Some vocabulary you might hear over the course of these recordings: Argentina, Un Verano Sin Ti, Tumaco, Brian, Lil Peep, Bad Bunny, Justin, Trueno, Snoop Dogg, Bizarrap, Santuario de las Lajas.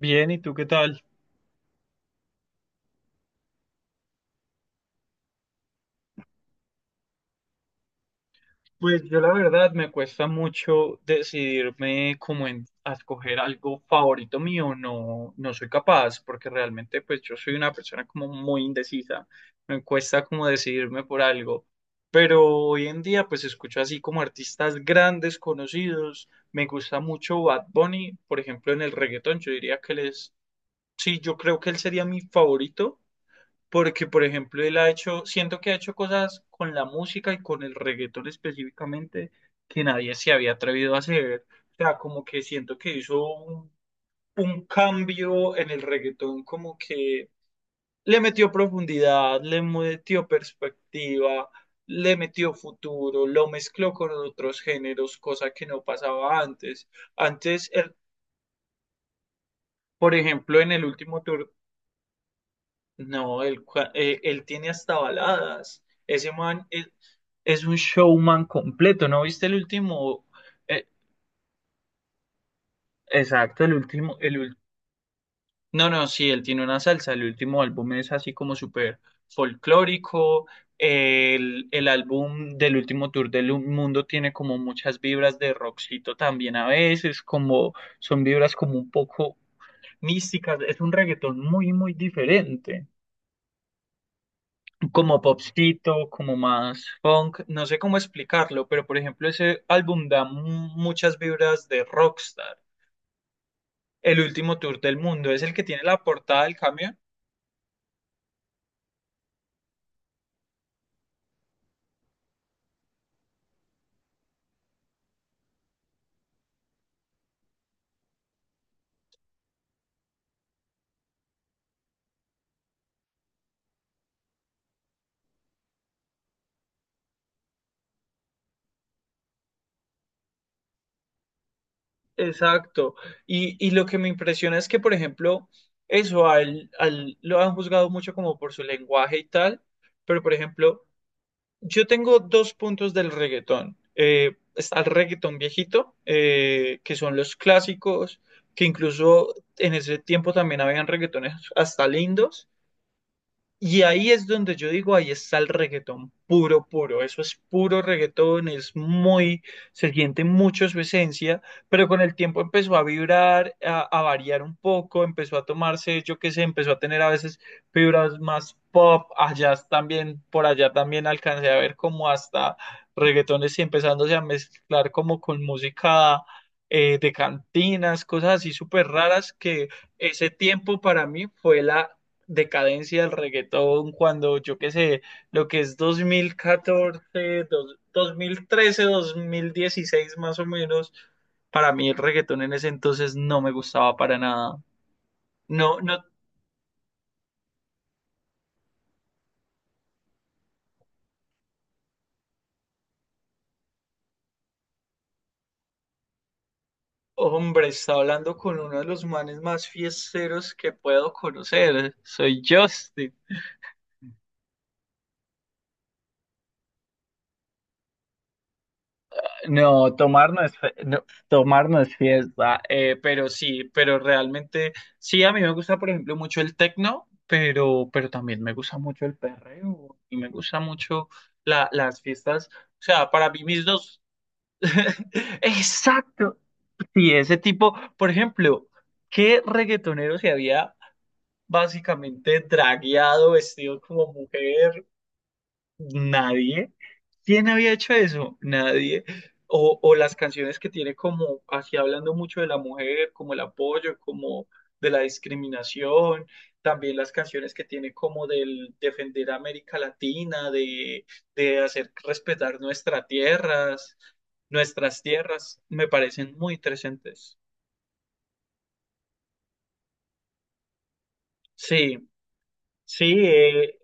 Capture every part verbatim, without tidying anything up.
Bien, ¿y tú qué tal? Pues yo la verdad me cuesta mucho decidirme como en a escoger algo favorito mío, no, no soy capaz, porque realmente pues yo soy una persona como muy indecisa, me cuesta como decidirme por algo, pero hoy en día pues escucho así como artistas grandes, conocidos, me gusta mucho Bad Bunny, por ejemplo en el reggaetón, yo diría que él es, sí, yo creo que él sería mi favorito, porque por ejemplo él ha hecho, siento que ha hecho cosas con la música y con el reggaetón específicamente que nadie se había atrevido a hacer. O sea, como que siento que hizo un, un, cambio en el reggaetón, como que le metió profundidad, le metió perspectiva, le metió futuro, lo mezcló con otros géneros, cosa que no pasaba antes. Antes, él, por ejemplo, en el último tour, no, él, cua- eh, él tiene hasta baladas. Ese man, eh, es un showman completo. ¿No viste el último? Eh, exacto, el último, el ul- No, no, sí, él tiene una salsa, el último álbum es así como súper folclórico, el, el álbum del último tour del mundo tiene como muchas vibras de rockcito también a veces, como son vibras como un poco místicas, es un reggaetón muy, muy diferente. Como popcito, como más funk, no sé cómo explicarlo, pero por ejemplo ese álbum da mu- muchas vibras de Rockstar, el último tour del mundo, es el que tiene la portada del camión. Exacto. Y, y lo que me impresiona es que, por ejemplo, eso a él, a él, lo han juzgado mucho como por su lenguaje y tal, pero por ejemplo, yo tengo dos puntos del reggaetón. Eh, está el reggaetón viejito, eh, que son los clásicos, que incluso en ese tiempo también habían reggaetones hasta lindos. Y ahí es donde yo digo, ahí está el reggaetón puro, puro. Eso es puro reggaetón, es muy, se siente mucho su esencia, pero con el tiempo empezó a vibrar, a, a variar un poco, empezó a tomarse, yo qué sé, empezó a tener a veces fibras más pop, allá también, por allá también alcancé a ver como hasta reggaetones y empezándose a mezclar como con música eh, de cantinas, cosas así súper raras que ese tiempo para mí fue la decadencia del reggaetón cuando yo qué sé, lo que es dos mil catorce, dos- 2013, dos mil dieciséis más o menos. Para mí el reggaetón en ese entonces no me gustaba para nada. No, no, hombre, está hablando con uno de los manes más fiesteros que puedo conocer. Soy Justin. No, tomar no es, fe- no, tomar no es fiesta, eh, pero sí, pero realmente, sí, a mí me gusta, por ejemplo, mucho el tecno, pero, pero, también me gusta mucho el perreo y me gusta mucho la, las fiestas, o sea, para mí mis dos, exacto, sí, ese tipo, por ejemplo, ¿qué reggaetonero se había básicamente dragueado, vestido como mujer? Nadie. ¿Quién había hecho eso? Nadie. O, o, las canciones que tiene como, así hablando mucho de la mujer, como el apoyo, como de la discriminación, también las canciones que tiene como del defender a América Latina, de, de, hacer respetar nuestras tierras, nuestras tierras, me parecen muy interesantes. Sí, sí, eh,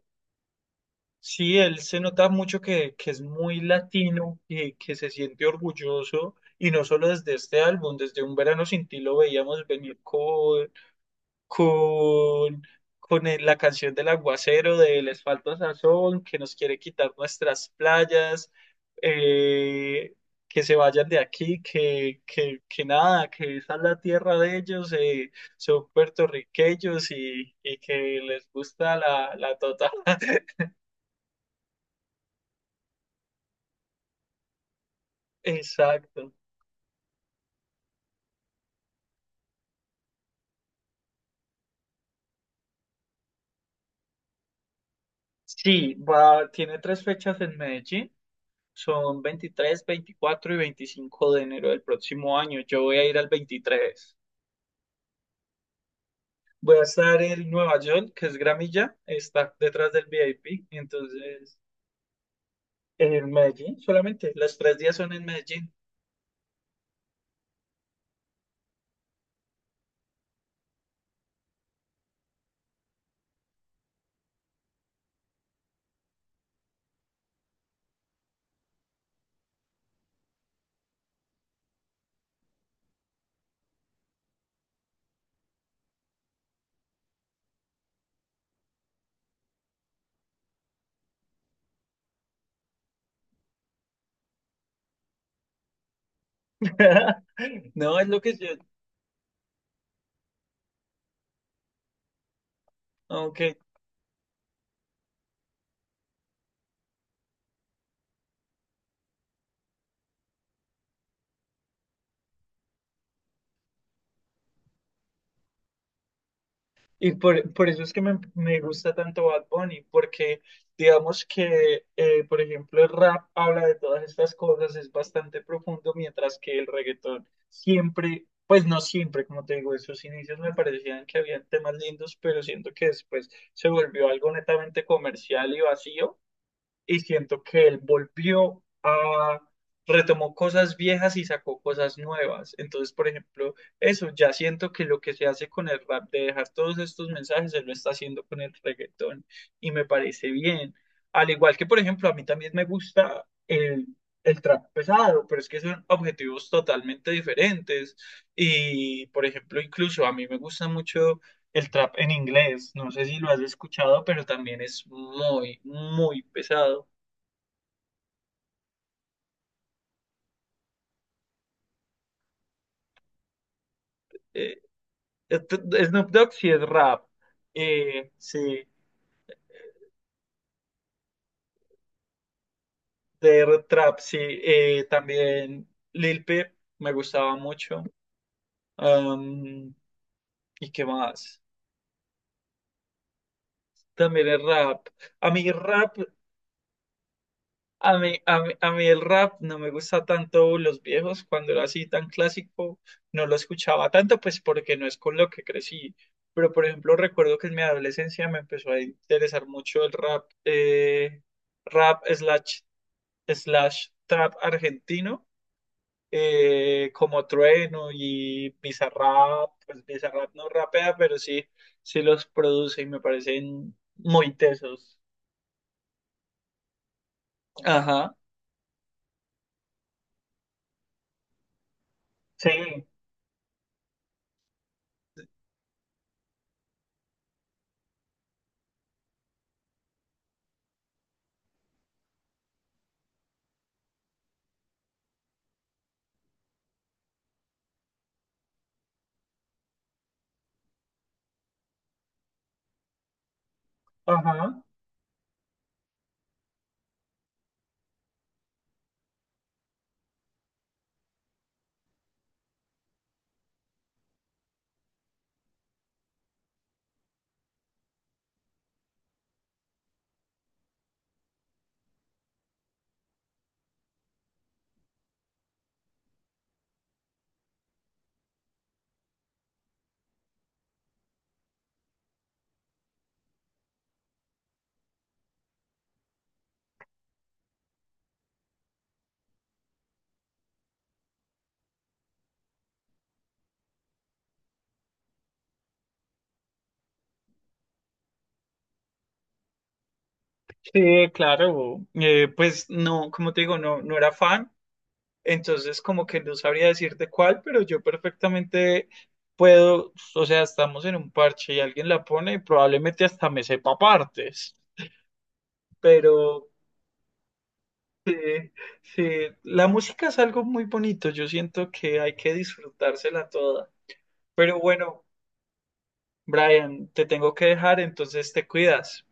sí, él se nota mucho que, que es muy latino, y que se siente orgulloso, y no solo desde este álbum, desde Un Verano Sin Ti lo veíamos venir con, con, con el- la canción del aguacero, de Les falta sazón, que nos quiere quitar nuestras playas, eh, que se vayan de aquí, que, que, que, nada, que esa es la tierra de ellos, eh, son puertorriqueños y, y que les gusta la, la tota. Exacto. Sí, va, tiene tres fechas en Medellín. Son veintitrés, veinticuatro y veinticinco de enero del próximo año. Yo voy a ir al veintitrés. Voy a estar en Nueva York, que es Gramilla, está detrás del vip. Entonces, en Medellín solamente. Los tres días son en Medellín. No, es lo que yo, ok. Y por, por eso es que me, me gusta tanto Bad Bunny, porque digamos que, eh, por ejemplo, el rap habla de todas estas cosas, es bastante profundo, mientras que el reggaetón siempre, pues no siempre, como te digo, esos inicios me parecían que habían temas lindos, pero siento que después se volvió algo netamente comercial y vacío, y siento que él volvió a, retomó cosas viejas y sacó cosas nuevas. Entonces, por ejemplo, eso, ya siento que lo que se hace con el rap, de dejar todos estos mensajes, se lo está haciendo con el reggaetón y me parece bien. Al igual que, por ejemplo, a mí también me gusta el, el trap pesado, pero es que son objetivos totalmente diferentes. Y, por ejemplo, incluso a mí me gusta mucho el trap en inglés. No sé si lo has escuchado, pero también es muy, muy pesado. eh, este- Snoop Dogg sí es rap, eh, Sí, de trap, sí, eh, también Lil Peep me gustaba mucho, am, y qué más, también el rap. A mí rap, a mí, a mí, a mí el rap no me gusta tanto los viejos, cuando era así tan clásico, no lo escuchaba tanto, pues porque no es con lo que crecí, pero por ejemplo recuerdo que en mi adolescencia me empezó a interesar mucho el rap, eh, rap slash slash trap argentino, eh, como Trueno y Bizarrap, pues Bizarrap no rapea, pero sí, sí los produce y me parecen muy tesos. Ajá, sí, ajá, sí, claro. Eh, pues no, como te digo, no, no era fan, entonces como que no sabría decirte cuál, pero yo perfectamente puedo, o sea, estamos en un parche y alguien la pone y probablemente hasta me sepa partes, pero sí, sí, la música es algo muy bonito, yo siento que hay que disfrutársela toda. Pero bueno, Brian, te tengo que dejar, entonces te cuidas.